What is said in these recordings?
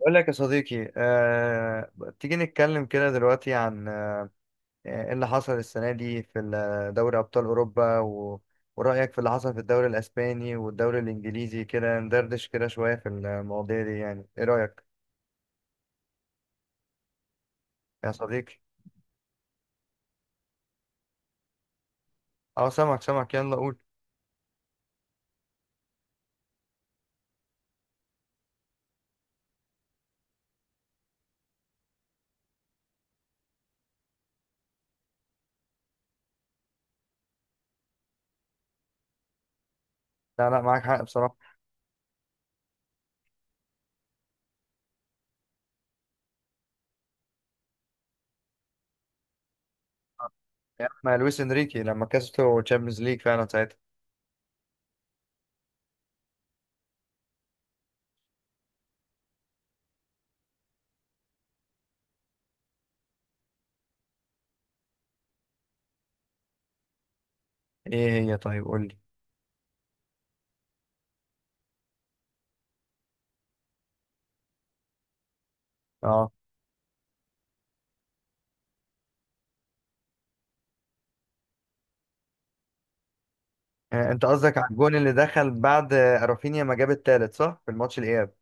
بقول لك يا صديقي، تيجي نتكلم كده دلوقتي عن ايه اللي حصل السنة دي في دوري أبطال أوروبا ورأيك في اللي حصل في الدوري الأسباني والدوري الإنجليزي، كده ندردش كده شوية في المواضيع دي. يعني ايه رأيك يا صديقي؟ اه، سامعك سامعك، يلا قول. لا لا، معاك حق بصراحة. يا ما لويس انريكي لما كسبته تشامبيونز ليج فعلا ساعتها. ايه هي؟ طيب قول لي. اه، انت قصدك على الجون اللي دخل بعد رافينيا ما جاب التالت؟ صح، في الماتش الإياب.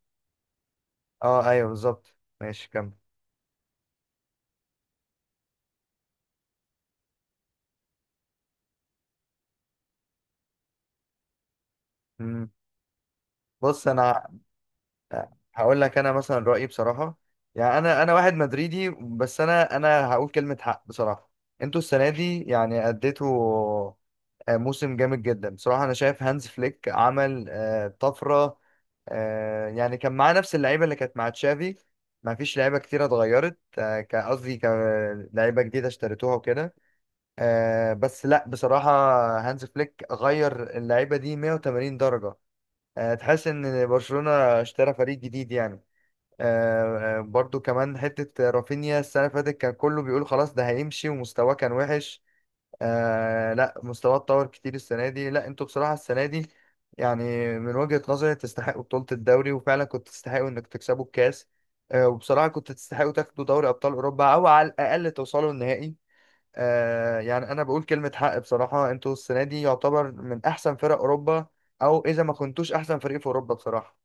اه ايوه، بالظبط. ماشي، كمل. مم. بص، انا هقول لك انا مثلا رايي بصراحه. يعني انا واحد مدريدي، بس انا هقول كلمه حق بصراحه. انتوا السنه دي يعني اديتوا موسم جامد جدا بصراحه. انا شايف هانز فليك عمل طفره. يعني كان معاه نفس اللعيبه اللي كانت مع تشافي. ما فيش لعيبه كتيره اتغيرت. قصدي لعيبه جديده اشتريتوها وكده. بس لا بصراحة، هانز فليك غير اللعيبة دي 180 درجة. تحس ان برشلونة اشترى فريق جديد يعني. برضو كمان حتة رافينيا السنة اللي فاتت كان كله بيقول خلاص ده هيمشي ومستواه كان وحش. لا، مستواه اتطور كتير السنة دي. لا انتوا بصراحة السنة دي يعني، من وجهة نظري تستحقوا بطولة الدوري، وفعلا كنت تستحقوا انك تكسبوا الكاس. وبصراحة كنت تستحقوا تاخدوا دوري أبطال أوروبا، أو على الأقل توصلوا النهائي. يعني انا بقول كلمة حق بصراحة، انتوا السنة دي يعتبر من احسن فرق اوروبا، او اذا ما كنتوش احسن فريق في اوروبا بصراحة.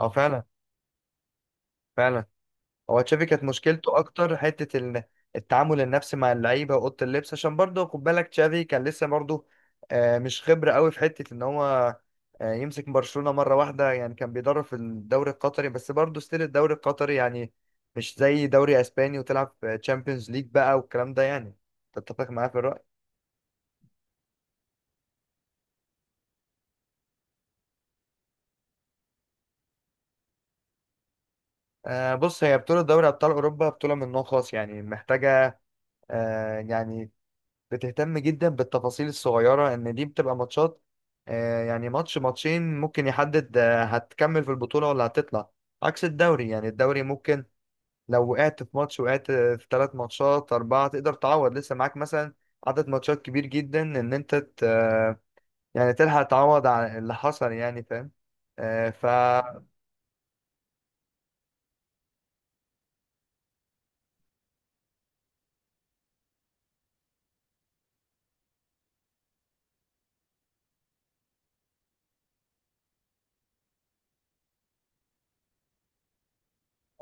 اه، فعلا فعلا. هو تشافي كانت مشكلته اكتر حتة التعامل النفسي مع اللعيبة واوضة اللبس، عشان برضه خد بالك تشافي كان لسه برضه مش خبرة قوي في حتة ان هو يمسك برشلونة مرة واحدة. يعني كان بيدرب في الدوري القطري، بس برضه ستيل الدوري القطري يعني مش زي دوري اسباني، وتلعب تشامبيونز ليج بقى والكلام ده يعني. تتفق معايا في الرأي؟ بص، هي بطولة دوري أبطال أوروبا بطولة من نوع خاص، يعني محتاجة يعني بتهتم جدا بالتفاصيل الصغيرة. إن دي بتبقى ماتشات، يعني ماتش ماتشين ممكن يحدد هتكمل في البطولة ولا هتطلع. عكس الدوري، يعني الدوري ممكن لو وقعت في ماتش، وقعت في ثلاث ماتشات أربعة، تقدر تعوض لسه معاك مثلا عدد ماتشات كبير جدا، إن أنت يعني تلحق تعوض على اللي حصل، يعني فاهم. آه، ف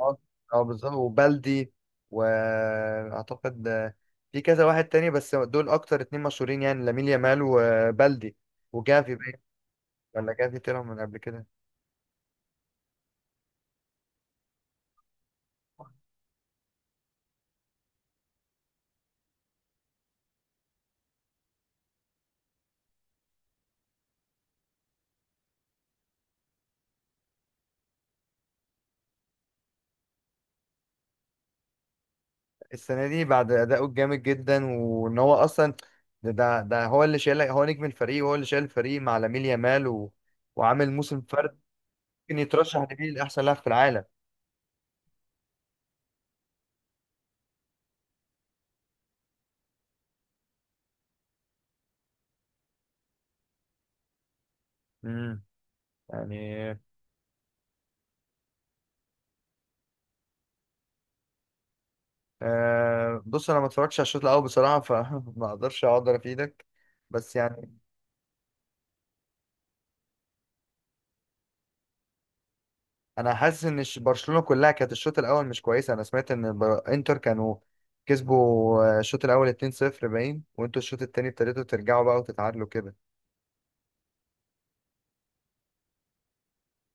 اه اه، بالظبط وبلدي. واعتقد في كذا واحد تاني بس دول اكتر اتنين مشهورين، يعني لامين يامال وبلدي وجافي باين. ولا جافي طلع من قبل كده؟ السنه دي بعد اداؤه الجامد جدا، وان هو اصلا ده هو اللي شايل، هو نجم الفريق وهو اللي شايل الفريق مع لامين يامال وعامل موسم فرد. ممكن يترشح لبيه لاحسن لاعب في العالم. امم يعني بص انا ما اتفرجتش على الشوط الاول بصراحه، فما اقدرش اقدر افيدك. بس يعني انا حاسس ان برشلونه كلها كانت الشوط الاول مش كويسه. انا سمعت ان انتر كانوا كسبوا الشوط الاول 2-0 باين، وانتوا الشوط التاني ابتديتوا ترجعوا بقى وتتعادلوا كده.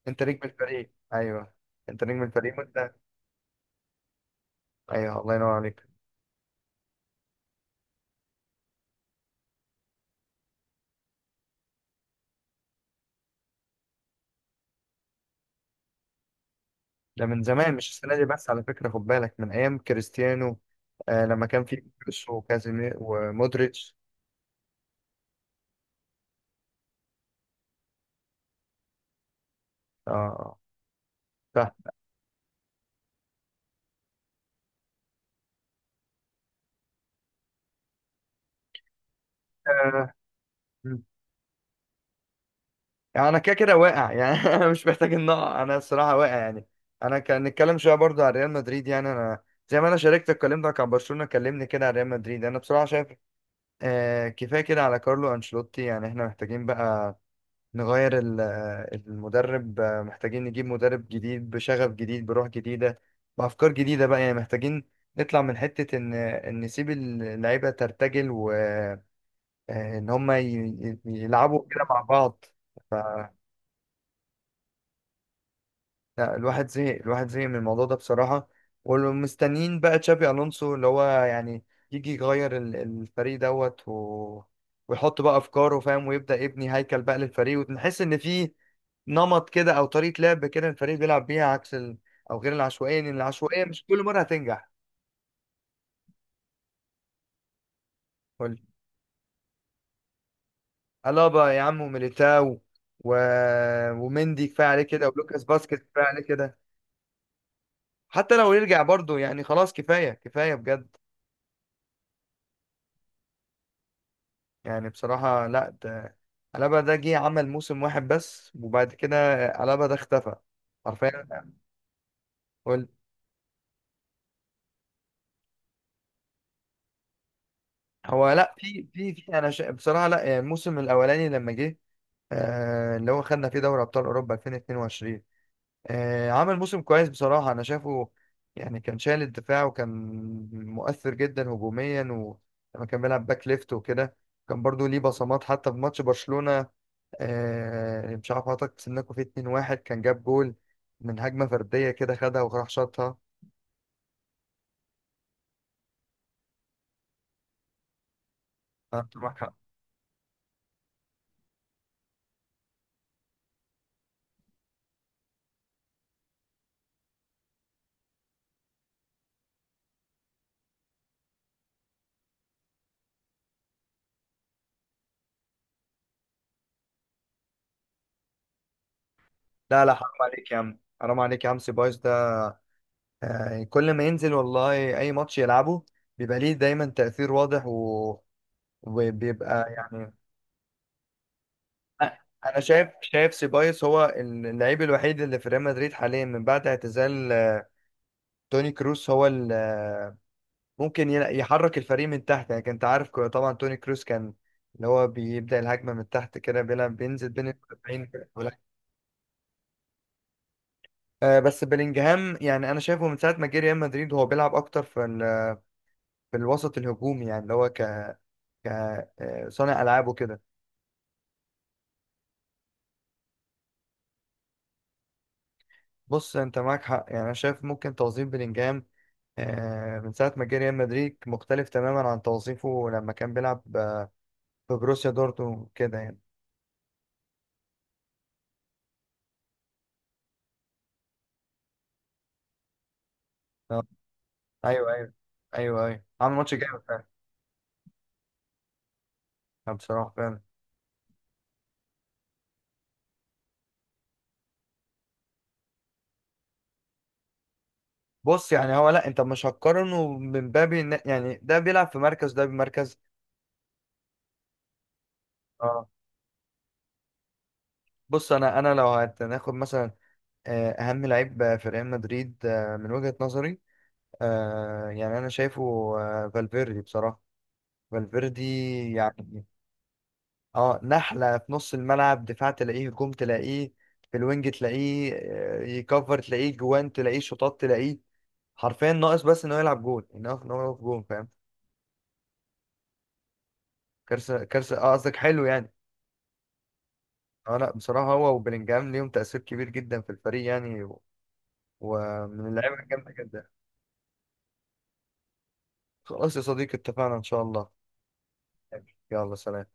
انت نجم الفريق، ايوه. انت نجم الفريق وانت. ايوه، الله ينور عليك. ده من زمان مش السنه دي بس، على فكره خد بالك، من ايام كريستيانو. لما كان في كروس وكازيمير ومودريتش. اه، فاهم. يعني انا كده كده واقع، يعني انا مش محتاج ان اقع، انا الصراحه واقع يعني. انا كان نتكلم شويه برضو على ريال مدريد، يعني انا زي ما انا شاركتك، كلمتك عن برشلونه كلمني كده على ريال مدريد. انا بصراحه شايف كفايه كده على كارلو انشيلوتي. يعني احنا محتاجين بقى نغير المدرب. محتاجين نجيب مدرب جديد بشغف جديد، بروح جديده، بافكار جديده بقى. يعني محتاجين نطلع من حته ان نسيب اللعيبه ترتجل، وان هم يلعبوا كده مع بعض. لا، الواحد زهق، الواحد زهق من الموضوع ده بصراحة. ومستنيين بقى تشابي ألونسو، اللي هو يعني يجي يغير الفريق دوت ويحط بقى أفكاره فاهم، ويبدأ يبني هيكل بقى للفريق، ونحس إن في نمط كده أو طريقة لعب كده الفريق بيلعب بيها، عكس أو غير العشوائية، لأن العشوائية مش كل مرة هتنجح. قول. ألابا يا عم، وميليتاو و... ومندي كفاية عليه كده، ولوكاس باسكت كفاية عليه كده. حتى لو يرجع برضه يعني خلاص، كفاية كفاية بجد. يعني بصراحة لا، ده ألابا ده جه عمل موسم واحد بس، وبعد كده ألابا ده اختفى حرفيا. قول- هو لا، في بصراحة لا، يعني الموسم الأولاني لما جه اللي هو خدنا فيه دوري أبطال أوروبا 2022. عمل موسم كويس بصراحة أنا شايفه. يعني كان شايل الدفاع، وكان مؤثر جدا هجوميا، ولما كان بيلعب باك ليفت وكده كان برضو ليه بصمات، حتى في ماتش برشلونة مش عارف حضرتك سنكو، في 2-1 كان جاب جول من هجمة فردية كده، خدها وراح شاطها. فأنت معاك حق. لا لا، حرام عليك يا عم، حرام عليك يا عم، سيبايوس ده كل ما ينزل والله أي ماتش يلعبه بيبقى ليه دايما تأثير واضح وبيبقى يعني. أنا شايف سيبايوس هو اللعيب الوحيد اللي في ريال مدريد حاليا من بعد اعتزال توني كروس. هو ممكن يحرك الفريق من تحت. يعني كنت عارف، طبعا توني كروس كان اللي هو بيبدأ الهجمة من تحت كده، بيلعب بينزل بين المدافعين. بس بلينجهام يعني انا شايفه من ساعة ما جه ريال مدريد هو بيلعب اكتر في في الوسط الهجومي، يعني اللي هو ك ك آه، صانع العاب وكده. بص انت معاك حق، يعني انا شايف ممكن توظيف بلينجهام من ساعة ما جه ريال مدريد مختلف تماما عن توظيفه لما كان بيلعب في بروسيا دورتموند كده يعني. آه، ايوه ايوه، ايوه ايوه، عامل ماتش جامد فعلا. بصراحة فعلا. بص يعني هو لا، انت مش هتقارنه من باب يعني ده بيلعب في مركز، ده بمركز. اه، بص انا لو هناخد مثلا اهم لعيب في ريال مدريد، من وجهة نظري، يعني انا شايفه، فالفيردي بصراحة. فالفيردي يعني اه، نحلة في نص الملعب، دفاع تلاقيه، هجوم تلاقيه، في الوينج تلاقيه، يكفر تلاقيه، جوان تلاقيه، شوطات تلاقيه. حرفيا ناقص بس انه يلعب جول، انه إن هو يقف جون، فاهم. كارثة كارثة، اه قصدك حلو يعني. اه لا بصراحة، هو وبلينجهام ليهم تأثير كبير جدا في الفريق يعني ومن اللعيبة الجامدة جدا. خلاص يا صديقي اتفقنا إن شاء الله. يلا سلام.